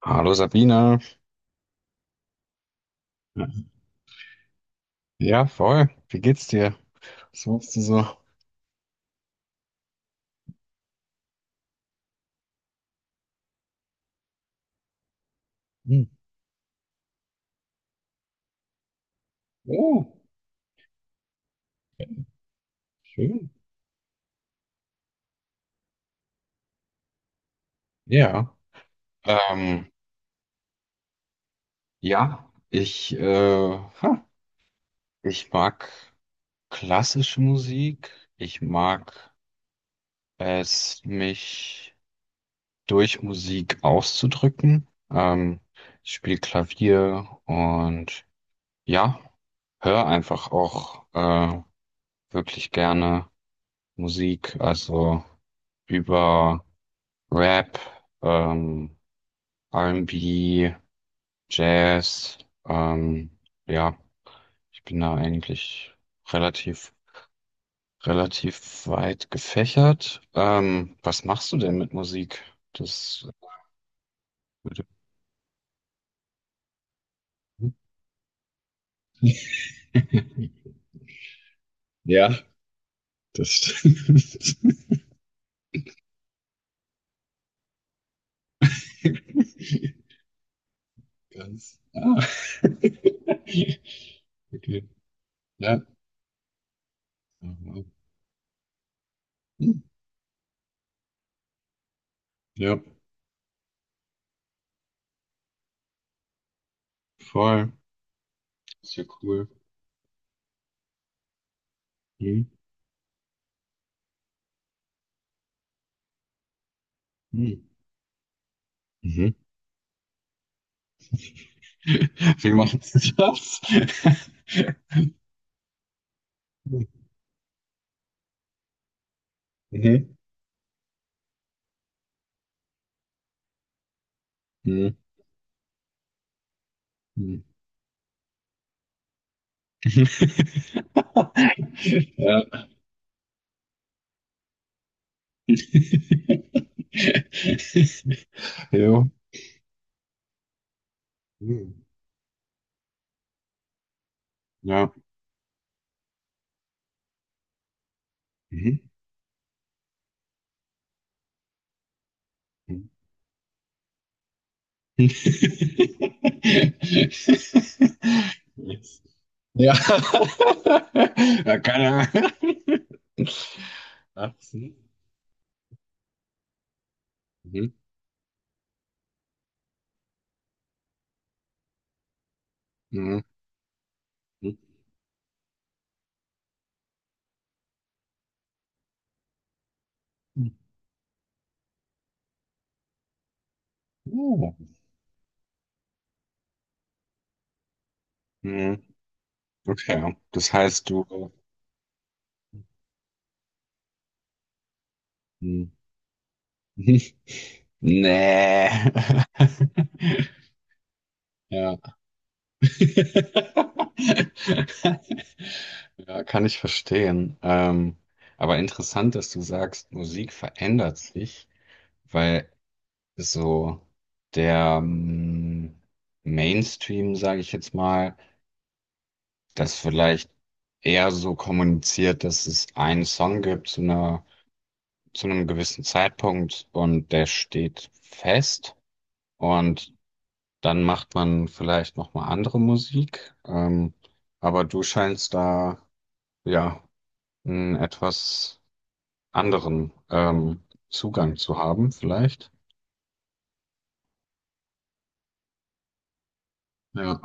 Hallo Sabine. Ja, voll. Wie geht's dir? Was machst du so? Hm. Oh, schön. Ja. Ähm, ja, ich, ich mag klassische Musik. Ich mag es, mich durch Musik auszudrücken. Ich spiele Klavier und ja, höre einfach auch wirklich gerne Musik. Also über Rap, ähm, R&B, Jazz, ähm, ja, ich bin da eigentlich relativ, relativ weit gefächert. Was machst du denn mit Musik? Das würde. Ja, das stimmt. Ganz. Ah. Okay. Ja. Aha. Hm. Ja, voll. Ist ja cool. Hm. Hm. Mhm. Wie machen Sie das? Mhm. Mhm. Mhm. Ja. Ja. Mhm. Ja. Mhm. Mhm. Yes. Ja. Ja, keine Ahnung. Ach, mhm. Mhm. Mhm. Mhm. Mhm. Oh. Mhm. Okay, das heißt, du mhm. Mhm. Ne. Ja. Ja, kann ich verstehen. Aber interessant, dass du sagst, Musik verändert sich, weil so der Mainstream, sage ich jetzt mal, das vielleicht eher so kommuniziert, dass es einen Song gibt zu zu einem gewissen Zeitpunkt und der steht fest. Und dann macht man vielleicht noch mal andere Musik, aber du scheinst da ja einen etwas anderen Zugang zu haben, vielleicht. Ja.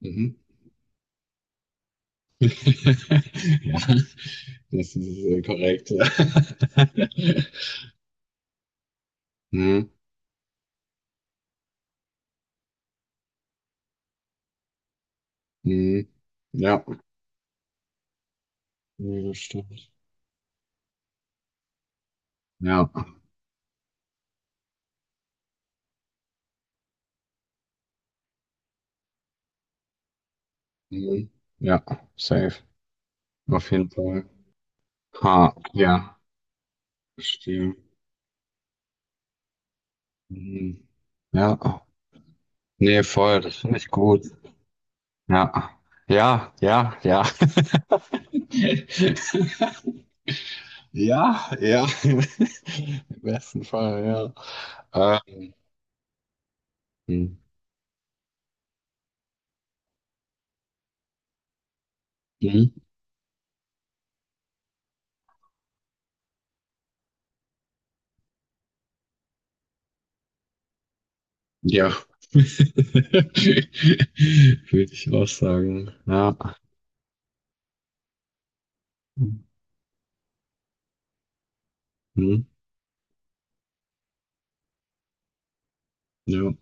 Mhm. Ja, das ist korrekt, ja. Mhm. Mhm. Ja. Ja, das stimmt. Ja. Mhm. Ja, safe. Auf jeden Fall. Ha, ja, verstehe. Mhm. Ja. Nee, voll, das finde ich gut. Ja, ja, ja, ja. Ja, ja. Im besten Fall, ja. Mhm. Ja. Würde ich auch sagen. Ja. Mhm. Ja.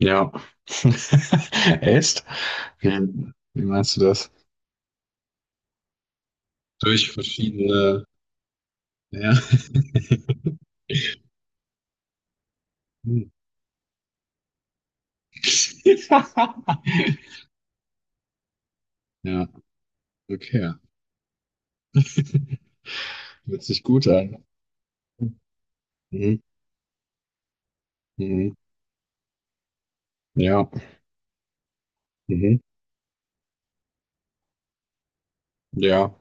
Ja. Echt? Wie meinst du das? Durch verschiedene. Ja. Hm. Ja, okay. Hört sich gut an. Mhm. Mhm. Ja. Mhm. Ja.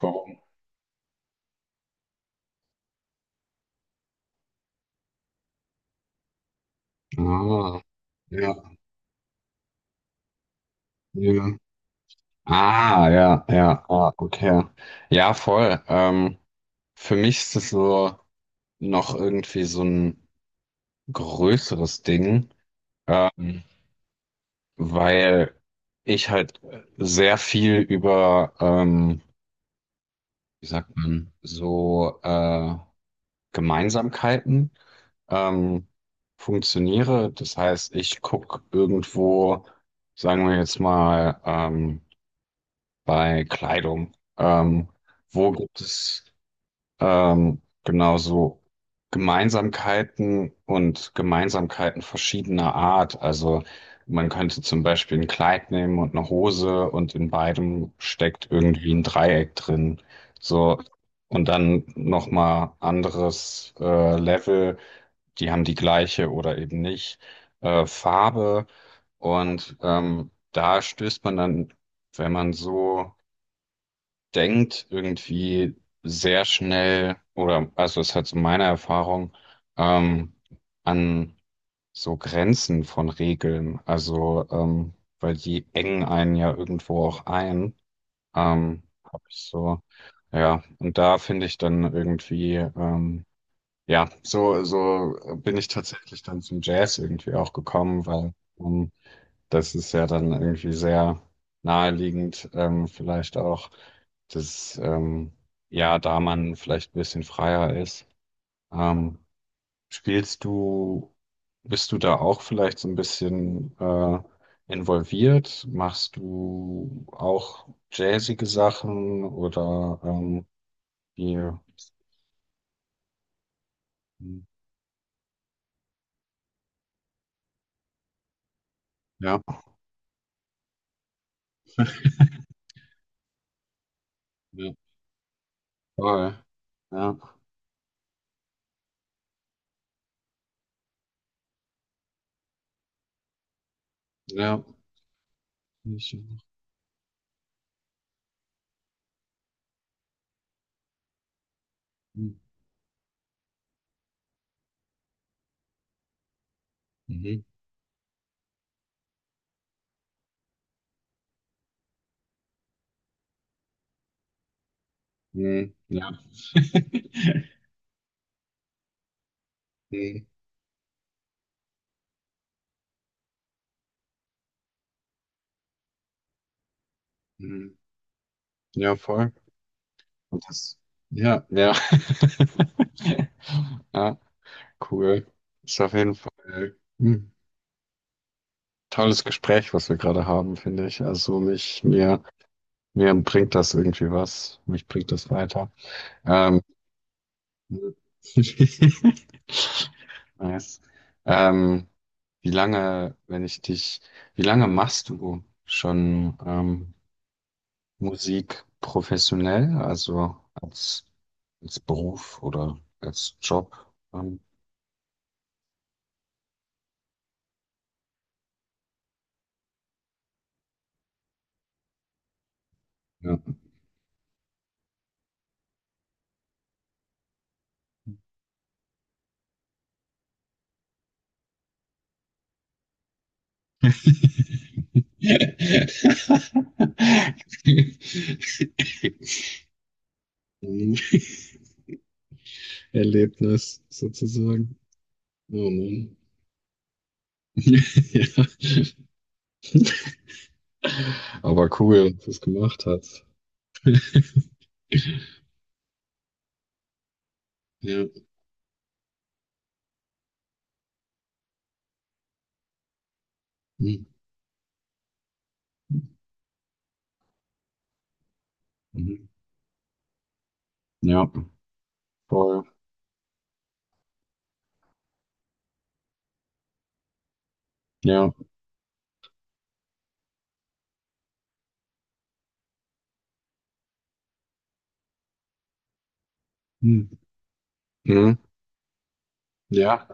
Warum? Ah. Ja. Ja. Ah, ja, ja, ah, okay. Ja, ja, voll. Für mich ist das so noch irgendwie so ein größeres Ding, ähm, weil ich halt sehr viel über, wie sagt man, so Gemeinsamkeiten ähm, funktioniere. Das heißt, ich gucke irgendwo, sagen wir jetzt mal, bei Kleidung, wo gibt es genau so Gemeinsamkeiten und Gemeinsamkeiten verschiedener Art. Also man könnte zum Beispiel ein Kleid nehmen und eine Hose und in beidem steckt irgendwie ein Dreieck drin. So und dann noch mal anderes Level. Die haben die gleiche oder eben nicht Farbe und da stößt man dann, wenn man so denkt irgendwie sehr schnell, oder also es hat so meine Erfahrung, ähm, an so Grenzen von Regeln. Also, weil die engen einen ja irgendwo auch ein. Hab ich so, ja, und da finde ich dann irgendwie, ja, so bin ich tatsächlich dann zum Jazz irgendwie auch gekommen, weil ähm, das ist ja dann irgendwie sehr naheliegend, vielleicht auch, dass ja, da man vielleicht ein bisschen freier ist. Ähm, spielst du, bist du da auch vielleicht so ein bisschen involviert? Machst du auch jazzige Sachen oder hier? Ja, ja, voll. Ja, ja. Ich- Mhm. Mhm. Ja. Mhm. Ja, voll. Und das, ja, ja. Ja, cool. Ist auf jeden Fall ein tolles Gespräch, was wir gerade haben, finde ich. Also mir bringt das irgendwie was. Mich bringt das weiter. Ähm, nice. Ähm, wenn ich dich, wie lange machst du schon Musik professionell, also als Beruf oder als Job. Ähm, ja. Erlebnis sozusagen. Oh Mann. Ja. Aber cool, dass du es gemacht hast. Ja. Mhm. Mhm. Ja, voll. Ja. Mhm. Mhm. Ja.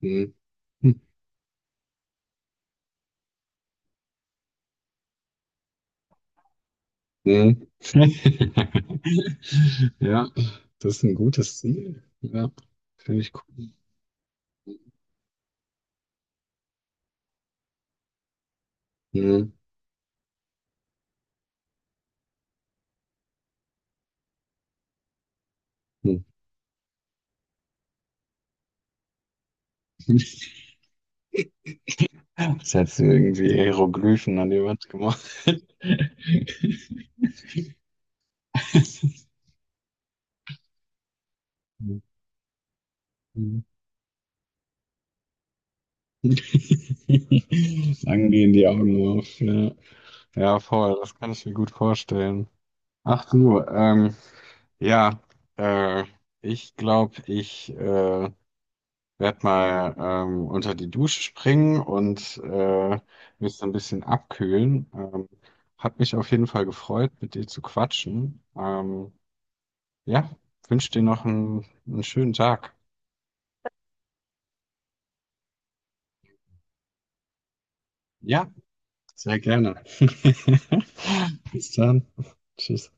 Mhm. Mhm. Ja, das ist ein gutes Ziel. Ja, finde ich cool. Mhm. Hm. Jetzt hättest du irgendwie Hieroglyphen an die Wand gemacht. Mhm. Dann gehen die Augen auf. Ja, ja, voll, das kann ich mir gut vorstellen. Ach du, ja, äh, ich glaube, ich werde mal unter die Dusche springen und mich so ein bisschen abkühlen. Hat mich auf jeden Fall gefreut, mit dir zu quatschen. Ja, wünsche dir noch einen schönen Tag. Ja, sehr gerne. Bis dann. Tschüss.